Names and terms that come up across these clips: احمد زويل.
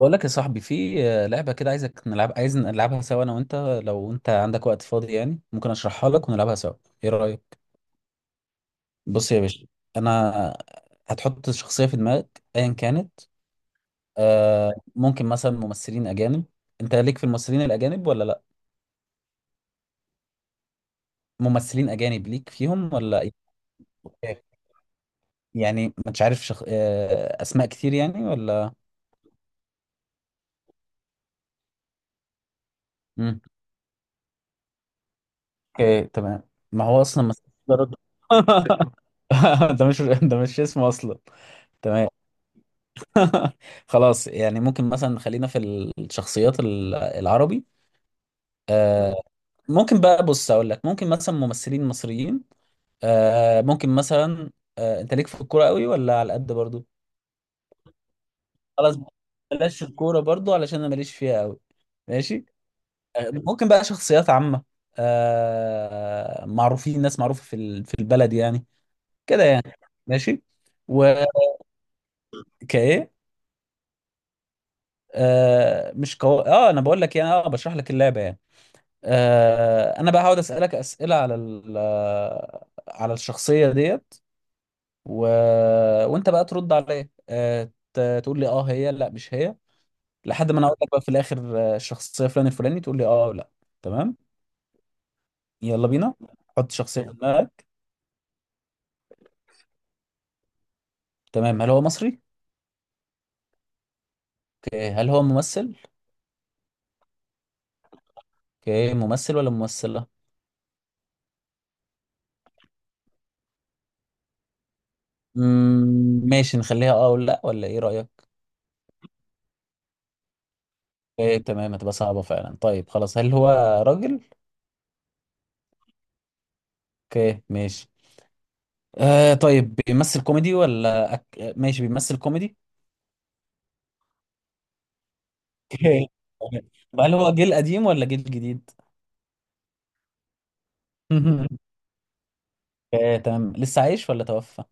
بقول لك يا صاحبي في لعبة كده عايز نلعبها سوا انا وانت. لو انت عندك وقت فاضي يعني ممكن اشرحها لك ونلعبها سوا. ايه رأيك؟ بص يا باشا. انا هتحط شخصية في دماغك ايا كانت. آه ممكن مثلا ممثلين اجانب. انت ليك في الممثلين الاجانب ولا لا؟ ممثلين اجانب ليك فيهم ولا إيه؟ يعني مش عارف شخ... آه اسماء كتير يعني ولا. مم. اوكي تمام. ما هو اصلا ممثل. ده راجل. ده مش اسمه اصلا. تمام. خلاص يعني ممكن مثلا خلينا في الشخصيات العربي. آه ممكن بقى بص اقول لك ممكن مثلا ممثلين مصريين. آه ممكن مثلا. آه انت ليك في الكوره قوي ولا على قد برضو؟ خلاص. بلاش الكوره برضو علشان انا ماليش فيها قوي. ماشي. آه ممكن بقى شخصيات عامه. آه معروفين ناس معروفه في البلد يعني. كده يعني. ماشي. وكايه. آه مش قو... اه انا بقول لك يعني اه بشرح لك اللعبه يعني. انا بقى هقعد اسالك اسئله على على الشخصيه ديت و... وانت بقى ترد عليا تقول لي اه هي لا مش هي. لحد ما انا اقول لك بقى في الاخر الشخصيه فلان الفلاني تقول لي اه أو لا. تمام. يلا بينا. حط شخصيه في دماغك. تمام. هل هو مصري؟ اوكي هل هو ممثل؟ اوكي ممثل ولا ممثله؟ ماشي نخليها اه ولا لا ولا ايه رايك؟ اوكي تمام. هتبقى صعبه فعلا. طيب خلاص هل هو راجل؟ اوكي ماشي. آه طيب بيمثل كوميدي ولا ماشي بيمثل كوميدي. طب هل هو جيل قديم ولا جيل جديد؟ آه تمام. لسه عايش ولا توفى؟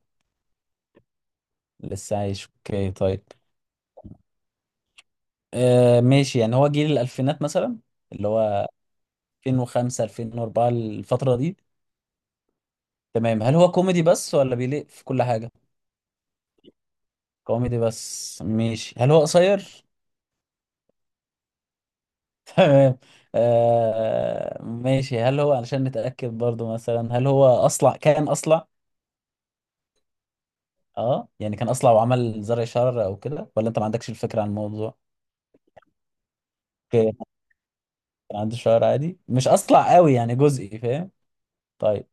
لسه عايش اوكي طيب. آه ماشي يعني هو جيل الألفينات مثلا. اللي هو 2005 2004 الفترة دي. تمام. هل هو كوميدي بس ولا بيليق في كل حاجة؟ كوميدي بس ماشي. هل هو قصير؟ تمام. آه ماشي هل هو علشان نتأكد برضو مثلا هل هو أصلع؟ كان أصلع؟ اه يعني كان اصلع وعمل زرع شعر او كده ولا انت ما عندكش الفكره عن الموضوع؟ اوكي. كان عندي شعر عادي مش اصلع قوي يعني جزئي فاهم. طيب.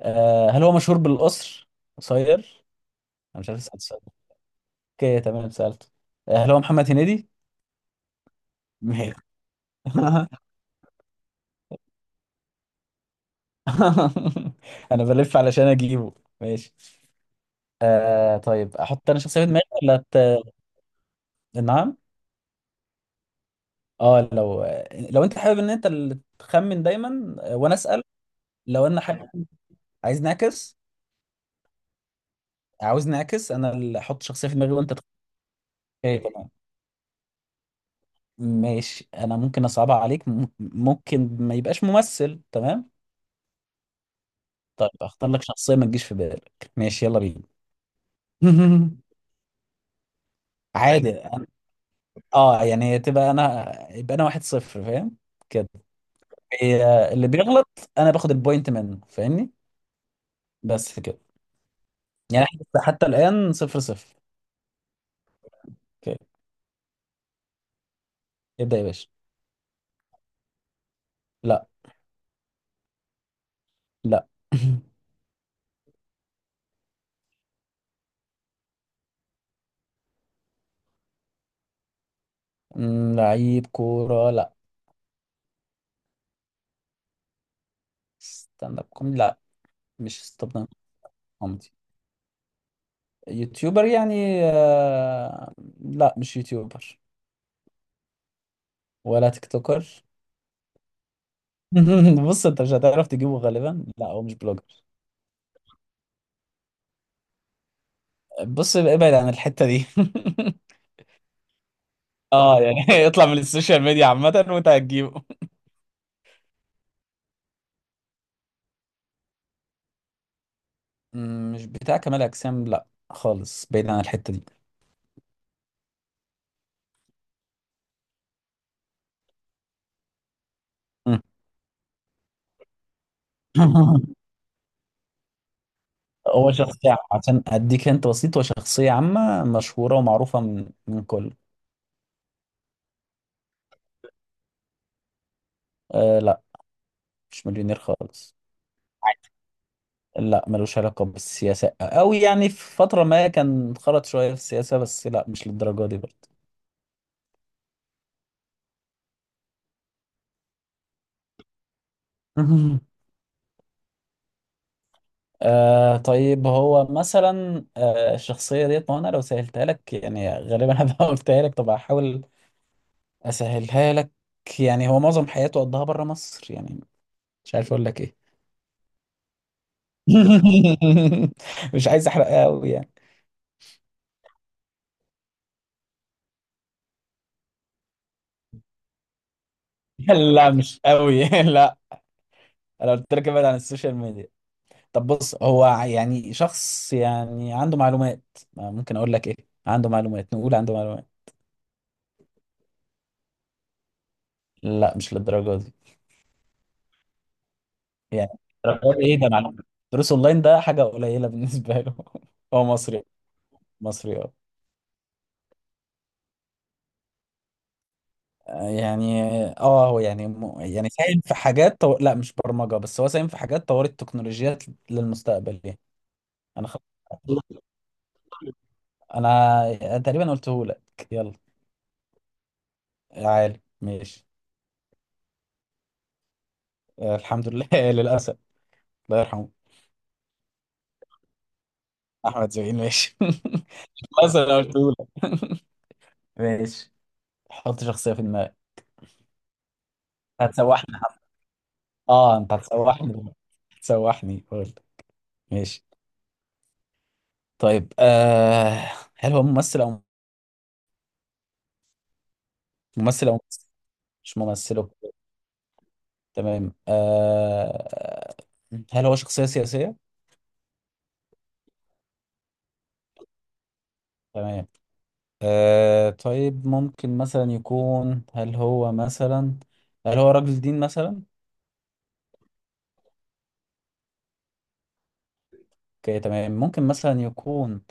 آه هل هو مشهور بالقصر؟ قصير. انا مش عارف اسال السؤال ده. اوكي تمام سالته. آه هل هو محمد هنيدي؟ ماشي. انا بلف علشان اجيبه. ماشي. آه طيب احط انا شخصيه في دماغي نعم؟ اه لو انت حابب ان انت اللي تخمن دايما وانا اسال. لو انا حابب. عايز نعكس. عاوزني اعكس انا اللي احط شخصيه في دماغي وانت إيه، تمام. ماشي. انا ممكن اصعبها عليك ممكن ما يبقاش ممثل. تمام. طيب اختار لك شخصيه ما تجيش في بالك. ماشي يلا بينا. عادي أنا- اه يعني تبقى انا يبقى انا واحد صفر فاهم كده. هي اللي بيغلط. انا باخد البوينت منه فاهمني. بس كده. يعني إحنا لسه حتى الان صفر صفر. اوكي. ابدا يا باشا. لا. لا. لعيب كوره لا. ستاند اب كوميدي لا. مش ستاند اب كوميدي. يوتيوبر يعني لا مش يوتيوبر. ولا تيك توكر. بص انت مش هتعرف تجيبه غالبا. لا هو مش بلوجر. بص ابعد عن الحتة دي. اه يعني اطلع من السوشيال ميديا عامة وانت هتجيبه. مش بتاع كمال اجسام لا خالص بعيد عن الحتة دي. مم. هو شخصية عشان اديك انت بسيط. هو شخصية عامة مشهورة ومعروفة من كل. آه لا مش مليونير خالص. لا ملوش علاقة بالسياسة أو يعني في فترة ما كان خرج شوية في السياسة بس لا مش للدرجة دي برضه. آه طيب هو مثلا الشخصية ديت. ما أنا لو سهلتها لك يعني غالبا هبقى قلتها لك. طب هحاول أسهلها لك. يعني هو معظم حياته قضاها بره مصر يعني. مش عارف أقول لك إيه. مش عايز أحرقها أوي يعني لا مش أوي. لا. أنا قلت لك ابعد عن السوشيال ميديا. طب بص هو يعني شخص يعني عنده معلومات. ممكن اقول لك ايه؟ عنده معلومات. نقول عنده معلومات. لا مش للدرجه دي. يعني الدرجة دي ايه ده معلومات. دروس اونلاين ده حاجه قليله بالنسبه له. هو مصري. مصري اه. يعني اه هو يعني يعني ساهم في حاجات لا مش برمجه بس هو ساهم في حاجات طورت التكنولوجيات للمستقبل يعني. انا انا تقريبا قلته لك. يلا. يا عالي ماشي. الحمد لله للاسف. الله يرحمه. احمد زويل ماشي. بس انا قلتهولك. ماشي. حط شخصية في دماغك. هتسوحني. اه انت هتسوحني دلوقتي. هتسوحني قول. ماشي. طيب آه هل هو ممثل او ممثل؟ مش ممثل. تمام. آه هل هو شخصية سياسية؟ تمام. آه طيب ممكن مثلا يكون هل هو مثلا هل هو رجل دين مثلا؟ اوكي تمام ممكن مثلا يكون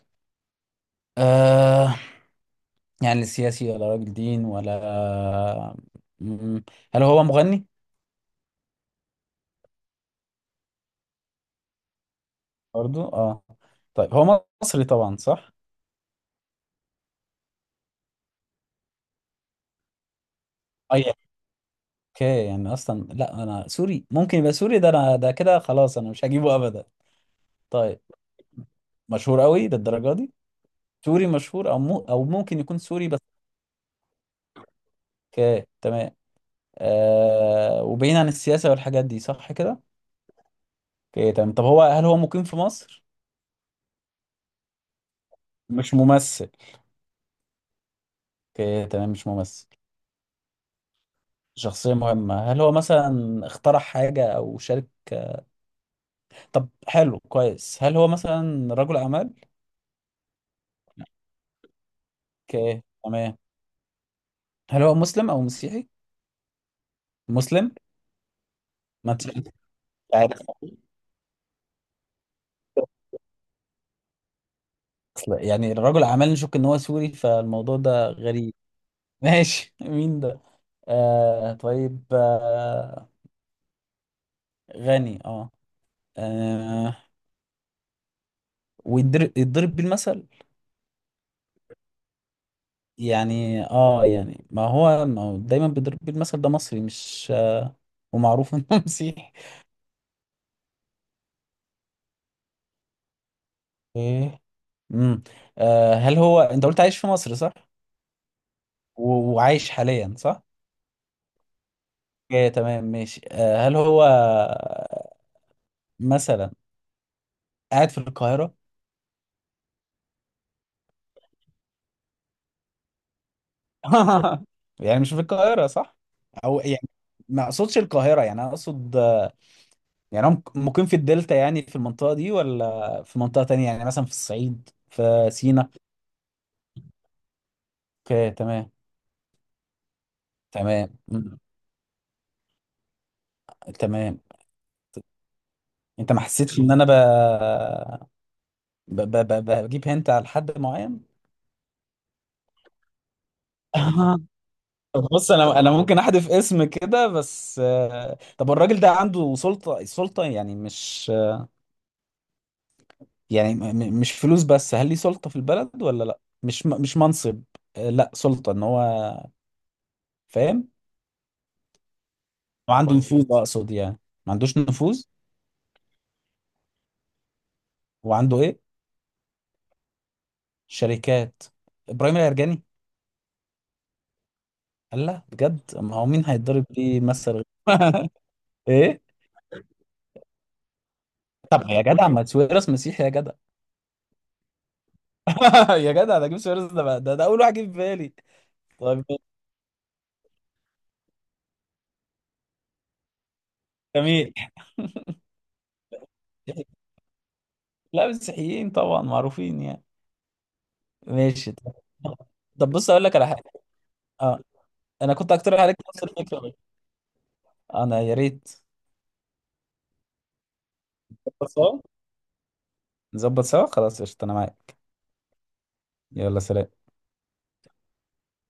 آه يعني سياسي ولا راجل دين ولا. مم. هل هو مغني؟ برضو اه. طيب هو مصري طبعا صح؟ اي. اوكي يعني اصلا لا انا سوري. ممكن يبقى سوري؟ ده انا ده كده خلاص انا مش هجيبه ابدا. طيب. مشهور قوي للدرجه دي؟ سوري مشهور او مو او ممكن يكون سوري بس. اوكي تمام. آه وبعيد عن السياسه والحاجات دي صح كده؟ اوكي تمام. طب هو هل هو مقيم في مصر؟ مش ممثل. اوكي تمام مش ممثل. شخصية مهمة هل هو مثلا اخترع حاجة أو شارك؟ طب حلو كويس هل هو مثلا رجل أعمال؟ اوكي تمام. هل هو مسلم أو مسيحي؟ مسلم؟ ما انت عارف. أصل يعني رجل أعمال نشك إن هو سوري فالموضوع ده غريب. ماشي. مين ده؟ آه طيب آه. غني اه، آه. ويضرب بيه المثل. يعني اه يعني ما هو دايما بيضرب بيه المثل. ده مصري مش آه ومعروف انه مسيحي. ايه. امم. آه هل هو انت قلت عايش في مصر صح؟ و... وعايش حاليا صح؟ اوكي تمام ماشي. آه هل هو مثلا قاعد في القاهرة؟ يعني مش في القاهرة صح؟ او يعني ما اقصدش القاهرة يعني انا اقصد يعني هو مقيم في الدلتا يعني في المنطقة دي ولا في منطقة تانية يعني مثلا في الصعيد في سينا؟ اوكي تمام. تمام. مم. تمام. انت ما حسيتش ان انا بجيب هنت على حد معين. طب بص انا ممكن احذف اسم كده بس طب الراجل ده عنده سلطة سلطة يعني مش يعني مش فلوس بس هل ليه سلطة في البلد ولا لا مش مش منصب. لا سلطة ان هو فاهم. وعنده نفوذ اقصد يعني. ما عندوش نفوذ. وعنده ايه؟ شركات. ابراهيم العرجاني؟ قال لا بجد. ما هو مين هيتضرب بيه مثل غيره؟ ايه. طب يا جدع ما سويرس مسيحي يا جدع. يا جدع ده اجيب سويرس ده بقى- ده اول واحد جه في بالي. طيب. جميل. لا مسيحيين طبعا معروفين يعني. ماشي طب. طب بص اقول لك على حاجه. اه انا كنت اقترح عليك نفس الفكره دي. انا يا ريت. بس آه. نظبط سوا خلاص قشطه انا معاك. يلا سلام.